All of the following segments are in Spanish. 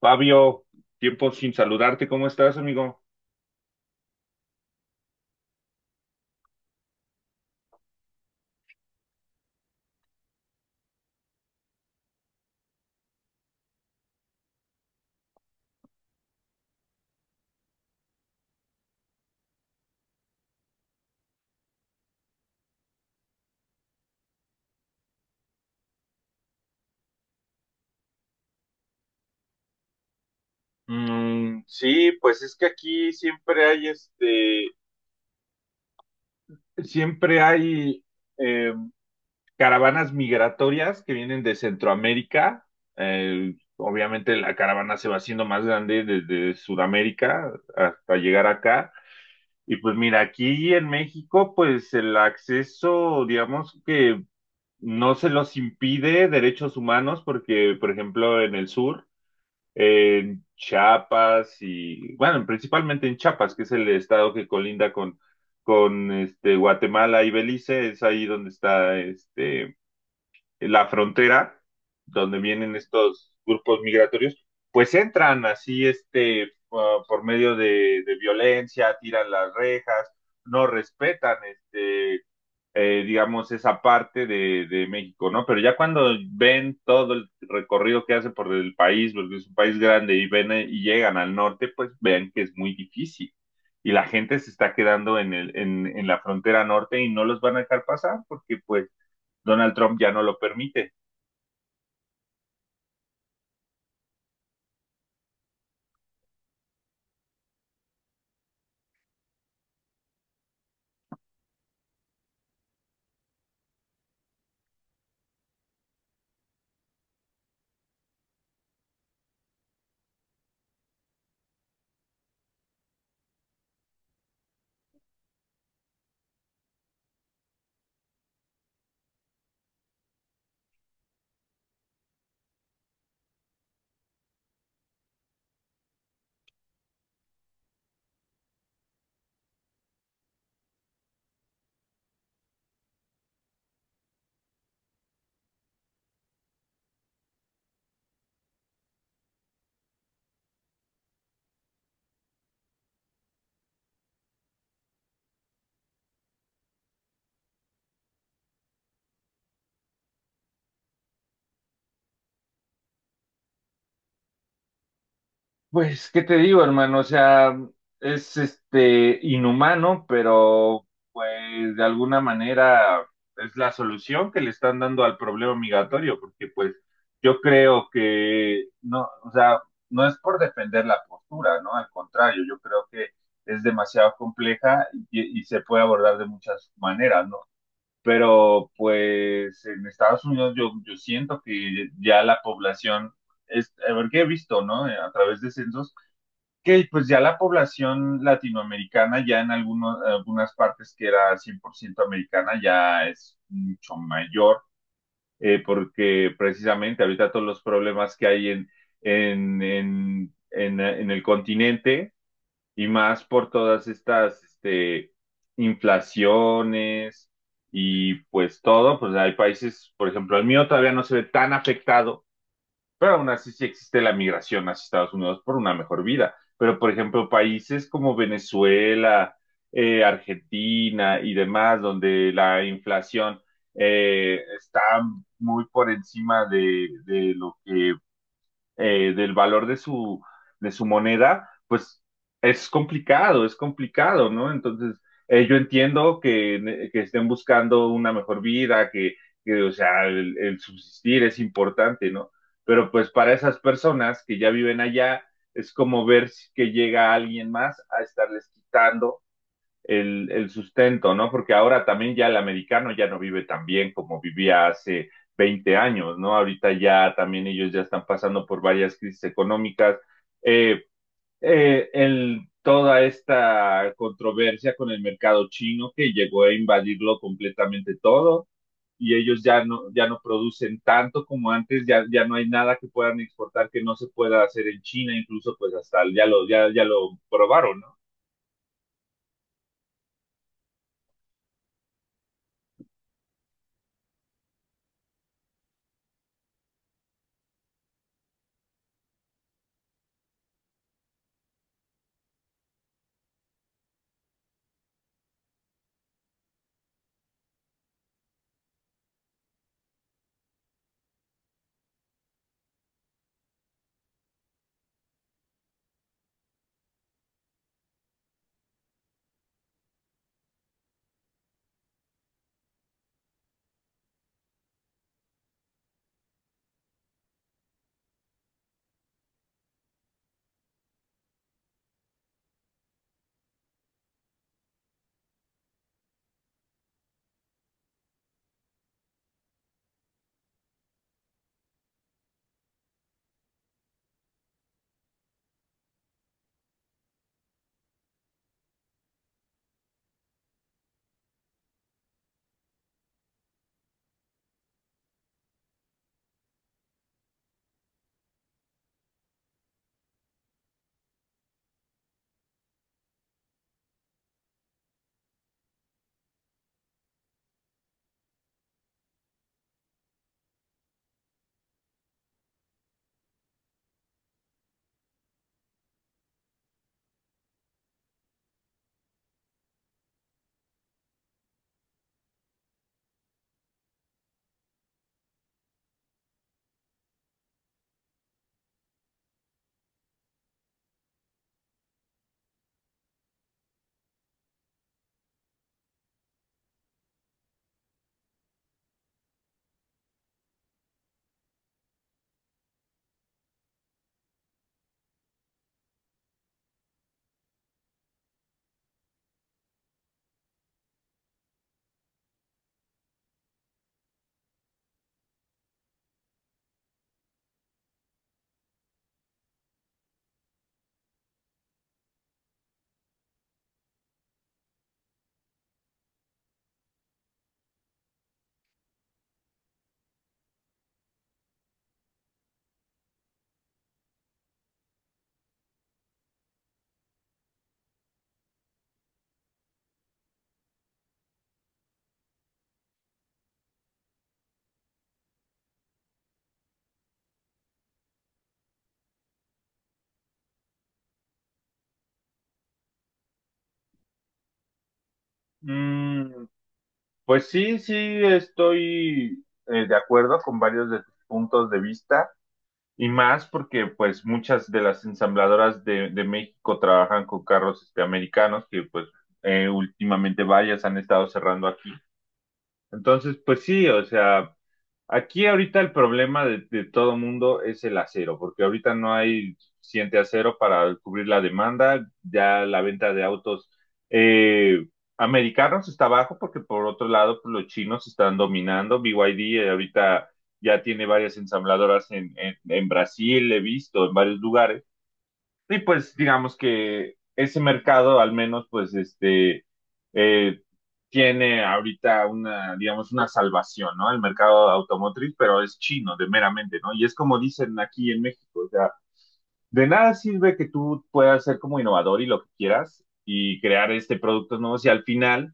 Fabio, tiempo sin saludarte, ¿cómo estás, amigo? Mm, sí, pues es que aquí siempre hay siempre hay eh, caravanas migratorias que vienen de Centroamérica. Obviamente la caravana se va haciendo más grande desde Sudamérica hasta llegar acá. Y pues mira, aquí en México, pues el acceso, digamos que no se los impide derechos humanos, porque por ejemplo en el sur en Chiapas y, bueno, principalmente en Chiapas, que es el estado que colinda con Guatemala y Belice, es ahí donde está la frontera, donde vienen estos grupos migratorios, pues entran así por medio de violencia, tiran las rejas, no respetan digamos, esa parte de México, ¿no? Pero ya cuando ven todo el recorrido que hace por el país, porque es un país grande, y ven y llegan al norte, pues vean que es muy difícil. Y la gente se está quedando en en la frontera norte y no los van a dejar pasar porque pues Donald Trump ya no lo permite. Pues, ¿qué te digo, hermano? O sea, es inhumano, pero pues de alguna manera es la solución que le están dando al problema migratorio, porque pues yo creo que no, o sea, no es por defender la postura, ¿no? Al contrario, yo creo que es demasiado compleja y se puede abordar de muchas maneras, ¿no? Pero pues en Estados Unidos yo siento que ya la población es, a ver, que he visto, ¿no? A través de censos que pues ya la población latinoamericana, ya en algunas partes que era 100% americana, ya es mucho mayor, porque precisamente ahorita todos los problemas que hay en el continente y más por todas estas inflaciones y pues todo, pues hay países, por ejemplo, el mío todavía no se ve tan afectado pero aún así sí existe la migración hacia Estados Unidos por una mejor vida. Pero, por ejemplo, países como Venezuela, Argentina y demás, donde la inflación está muy por encima de lo que del valor de su moneda, pues es complicado, ¿no? Entonces, yo entiendo que estén buscando una mejor vida, que o sea, el subsistir es importante, ¿no? Pero pues para esas personas que ya viven allá, es como ver si- que llega alguien más a estarles quitando sustento, ¿no? Porque ahora también ya el americano ya no vive tan bien como vivía hace 20 años, ¿no? Ahorita ya también ellos ya están pasando por varias crisis económicas. Eh, Toda esta controversia con el mercado chino que llegó a invadirlo completamente todo y ellos ya no producen tanto como antes, ya no hay nada que puedan exportar que no se pueda hacer en China, incluso pues hasta ya lo probaron, ¿no? Mm, pues sí, sí, estoy de acuerdo con varios de tus puntos de vista y más porque pues muchas de las ensambladoras de México trabajan con carros americanos que pues últimamente varias han estado cerrando aquí. Entonces, pues sí, o sea, aquí ahorita el problema de todo mundo es el acero, porque ahorita no hay suficiente acero para cubrir la demanda, ya la venta de autos eh, americanos está bajo, porque por otro lado pues los chinos están dominando, BYD ahorita ya tiene varias ensambladoras en Brasil, he visto en varios lugares, y pues digamos que ese mercado al menos pues eh, tiene ahorita una, digamos, una salvación, ¿no? El mercado automotriz, pero es chino de meramente, ¿no? Y es como dicen aquí en México, o sea, de nada sirve que tú puedas ser como innovador y lo que quieras y crear productos nuevos y al final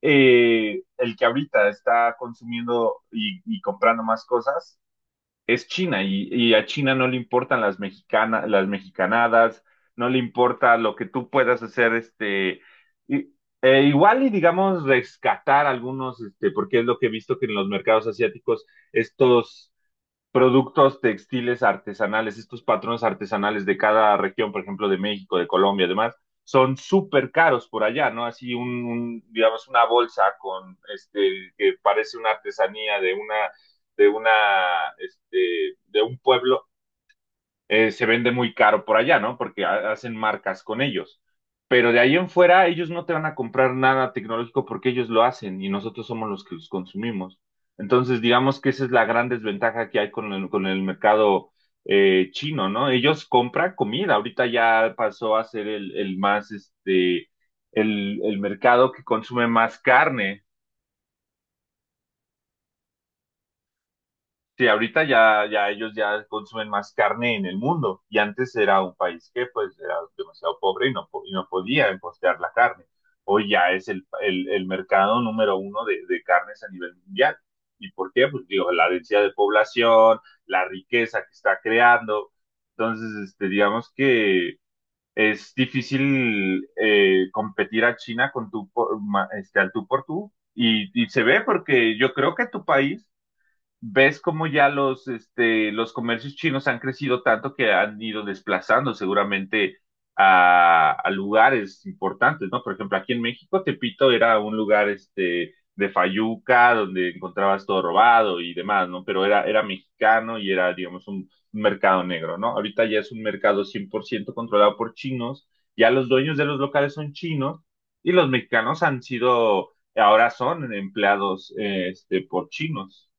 el que ahorita está consumiendo y comprando más cosas es China y a China no le importan las mexicanas, las mexicanadas, no le importa lo que tú puedas hacer, y- igual y digamos rescatar algunos, porque es lo que he visto que en los mercados asiáticos estos productos textiles artesanales, estos patrones artesanales de cada región, por ejemplo, de México, de Colombia, además, son súper caros por allá, ¿no? Así digamos, una bolsa con, que parece una artesanía de una, de un pueblo, se vende muy caro por allá, ¿no? Porque hacen marcas con ellos. Pero de ahí en fuera, ellos no te van a comprar nada tecnológico porque ellos lo hacen y nosotros somos los que los consumimos. Entonces, digamos que esa es la gran desventaja que hay con el mercado chino, ¿no? Ellos compran comida. Ahorita ya pasó a ser el mercado que consume más carne. Sí, ahorita ya ellos ya consumen más carne en el mundo y antes era un país que pues era demasiado pobre y y no podía importar la carne. Hoy ya es el mercado número uno de carnes a nivel mundial. ¿Y por qué? Pues digo, la densidad de población, la riqueza que está creando. Entonces, digamos que es difícil competir a China con tu, al tú por tú. Y se ve porque yo creo que tu país ves cómo ya los comercios chinos han crecido tanto que han ido desplazando seguramente a lugares importantes, ¿no? Por ejemplo, aquí en México, Tepito era un lugar, de Fayuca, donde encontrabas todo robado y demás, ¿no? Pero era, era mexicano y era, digamos, un mercado negro, ¿no? Ahorita ya es un mercado 100% controlado por chinos, ya los dueños de los locales son chinos y los mexicanos han sido, ahora son empleados, por chinos.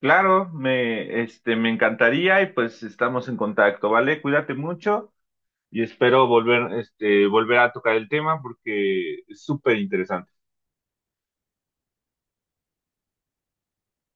Claro, me encantaría y pues estamos en contacto, ¿vale? Cuídate mucho y espero volver, volver a tocar el tema porque es súper interesante.